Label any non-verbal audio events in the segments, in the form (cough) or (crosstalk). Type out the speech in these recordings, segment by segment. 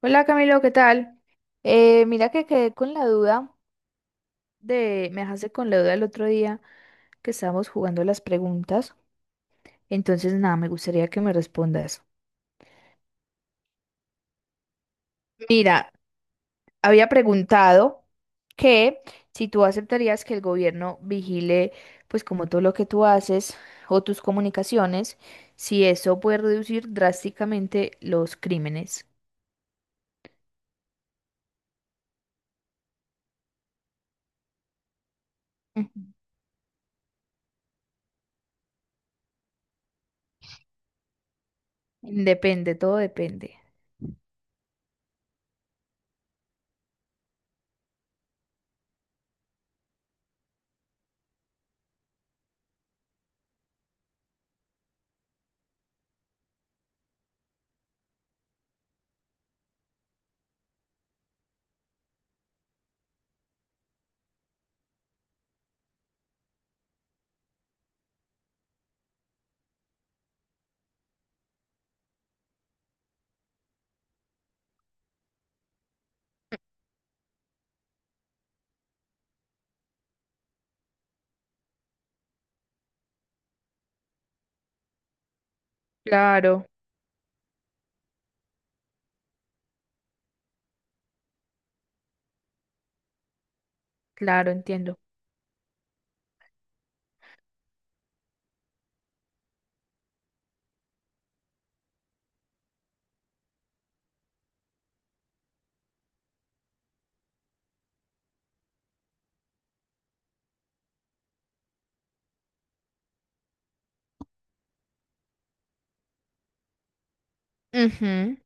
Hola Camilo, ¿qué tal? Mira que quedé con la duda me dejaste con la duda el otro día que estábamos jugando las preguntas, entonces nada, me gustaría que me respondas. Mira, había preguntado que si tú aceptarías que el gobierno vigile pues como todo lo que tú haces o tus comunicaciones, si eso puede reducir drásticamente los crímenes. Ujú. Depende, todo depende. Claro, claro, entiendo. Ujú.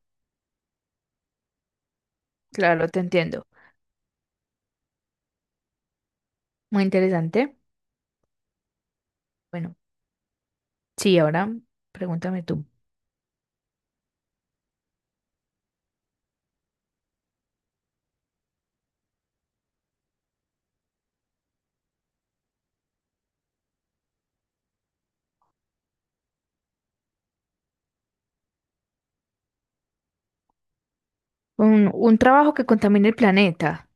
Claro, te entiendo. Muy interesante. Bueno, sí, ahora pregúntame tú. Un trabajo que contamine el planeta,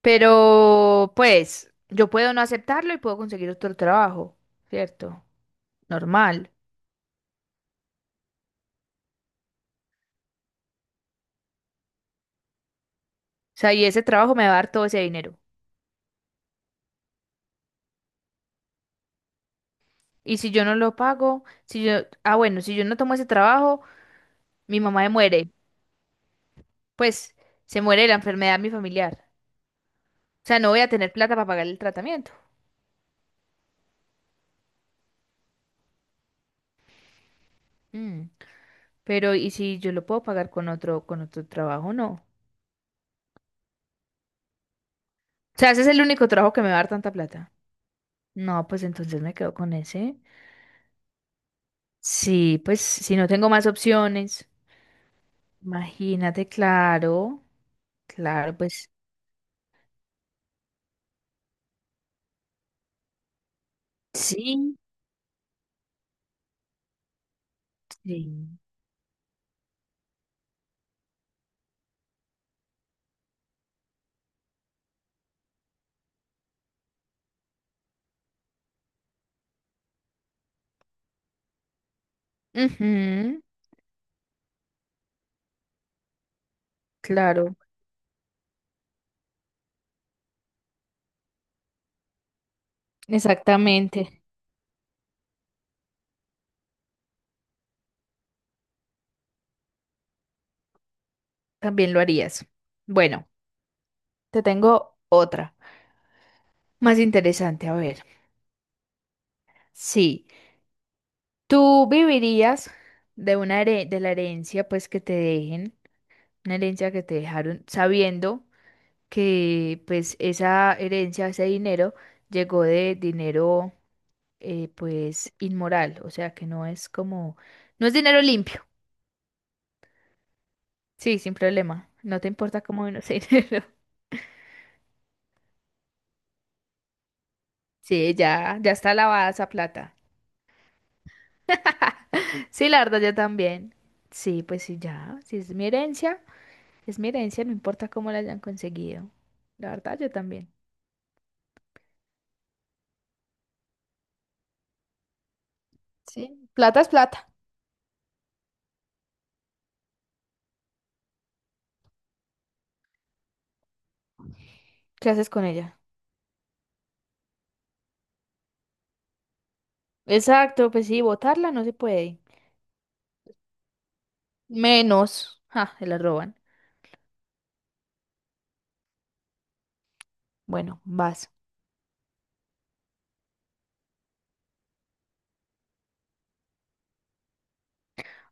pero pues yo puedo no aceptarlo y puedo conseguir otro trabajo, ¿cierto? Normal. O sea, y ese trabajo me va a dar todo ese dinero. Y si yo no lo pago, si yo, ah, Bueno, si yo no tomo ese trabajo, mi mamá me muere. Pues se muere de la enfermedad de mi familiar. O sea, no voy a tener plata para pagar el tratamiento. Mm, pero, ¿y si yo lo puedo pagar con otro trabajo? No. O sea, ese es el único trabajo que me va a dar tanta plata. No, pues entonces me quedo con ese. Sí, pues si no tengo más opciones, imagínate, claro, claro, pues sí, sí. Ujú, claro, exactamente. También lo harías. Bueno, te tengo otra, más interesante, a ver. Sí, tú vivirías de la herencia, pues que te dejen, una herencia que te dejaron sabiendo que pues esa herencia, ese dinero, llegó de dinero pues inmoral, o sea que no es como, no es dinero limpio, sí, sin problema, no te importa cómo vino ese (laughs) dinero. Sí, ya, ya está lavada esa plata. Sí, la verdad, yo también. Sí, pues sí, ya, si es mi herencia, es mi herencia, no importa cómo la hayan conseguido. La verdad, yo también. Sí, plata es plata. ¿Qué haces con ella? Exacto, pues sí, botarla no se puede. Menos, ja, se la roban. Bueno, vas.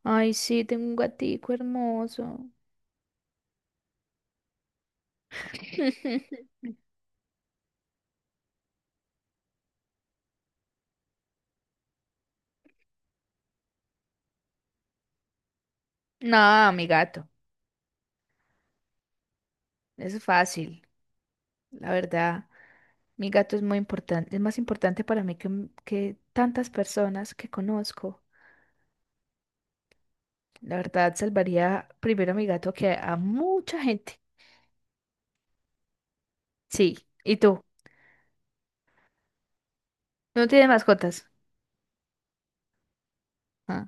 Ay, sí, tengo un gatico hermoso. (laughs) No, mi gato, es fácil, la verdad. Mi gato es muy importante, es más importante para mí que, que tantas personas que conozco. La verdad, salvaría primero a mi gato que a mucha gente. Sí, ¿y tú? ¿No tienes mascotas? Ah.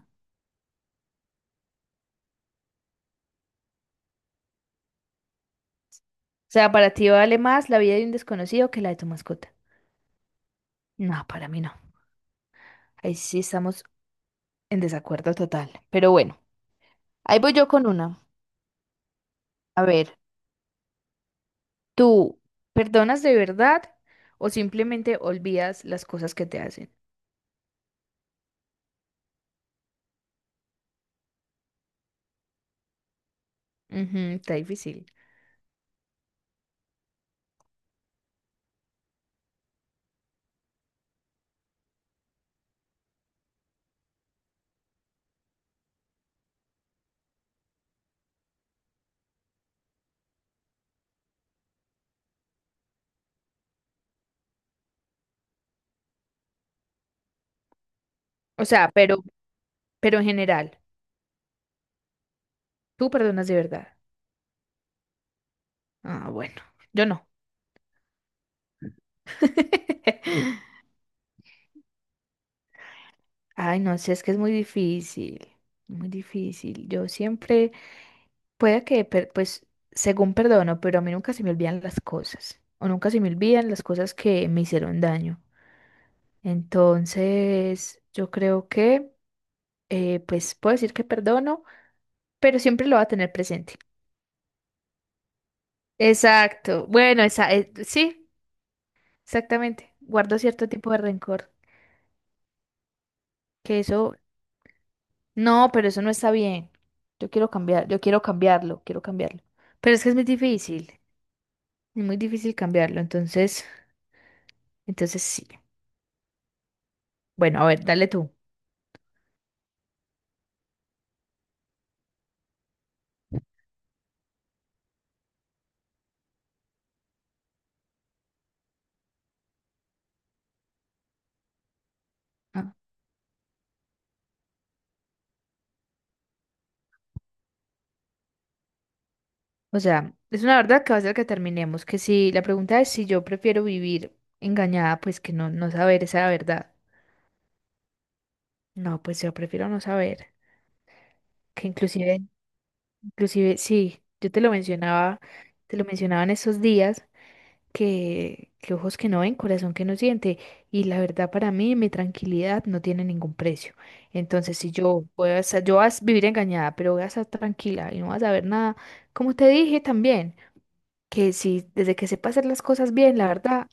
O sea, para ti vale más la vida de un desconocido que la de tu mascota. No, para mí no. Ahí sí estamos en desacuerdo total. Pero bueno, ahí voy yo con una. A ver. ¿Tú perdonas de verdad o simplemente olvidas las cosas que te hacen? Ujú, está difícil. O sea, pero en general, ¿tú perdonas de verdad? Ah, bueno, yo no. (laughs) Ay, no sé, es que es muy difícil, muy difícil. Yo siempre, puede que, pues, según perdono, pero a mí nunca se me olvidan las cosas, o nunca se me olvidan las cosas que me hicieron daño. Entonces, yo creo que, pues, puedo decir que perdono, pero siempre lo va a tener presente. Exacto. Bueno, sí, exactamente. Guardo cierto tipo de rencor. Que eso, no, pero eso no está bien. Yo quiero cambiar, yo quiero cambiarlo, quiero cambiarlo. Pero es que es muy difícil cambiarlo. Entonces, entonces sí. Bueno, a ver, dale tú. Ah, o sea, es una verdad que va a ser que terminemos. Que si la pregunta es si yo prefiero vivir engañada, pues que no, no saber esa verdad. No, pues yo prefiero no saber. Que inclusive, inclusive, sí, yo te lo mencionaba en esos días, que ojos que no ven, corazón que no siente. Y la verdad para mí, mi tranquilidad no tiene ningún precio. Entonces, si yo puedo estar- yo voy a vivir engañada, pero voy a estar tranquila y no vas a ver nada, como te dije también, que si desde que sepa hacer las cosas bien, la verdad,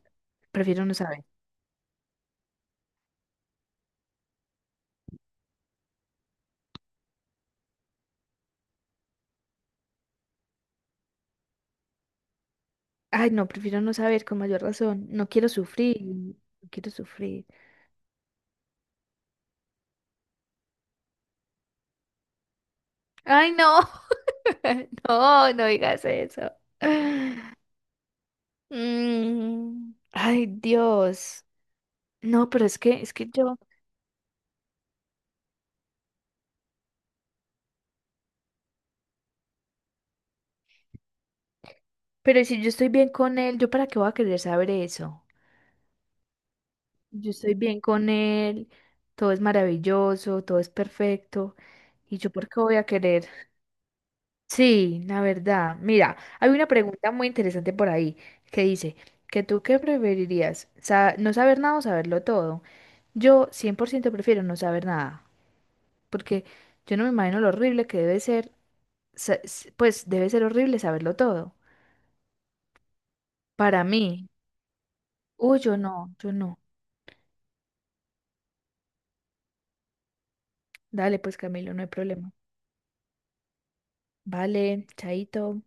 prefiero no saber. Ay, no, prefiero no saber con mayor razón. No quiero sufrir, no quiero sufrir. Ay, no, (laughs) no, no digas eso. Mm, ay, Dios. No, pero es que yo, pero si yo estoy bien con él, ¿yo para qué voy a querer saber eso? Yo estoy bien con él, todo es maravilloso, todo es perfecto. ¿Y yo por qué voy a querer? Sí, la verdad. Mira, hay una pregunta muy interesante por ahí que dice, ¿que tú qué preferirías? ¿No saber nada o saberlo todo? Yo 100% prefiero no saber nada, porque yo no me imagino lo horrible que debe ser pues debe ser horrible saberlo todo. Para mí, uy, yo no, yo no. Dale, pues Camilo, no hay problema. Vale, chaito.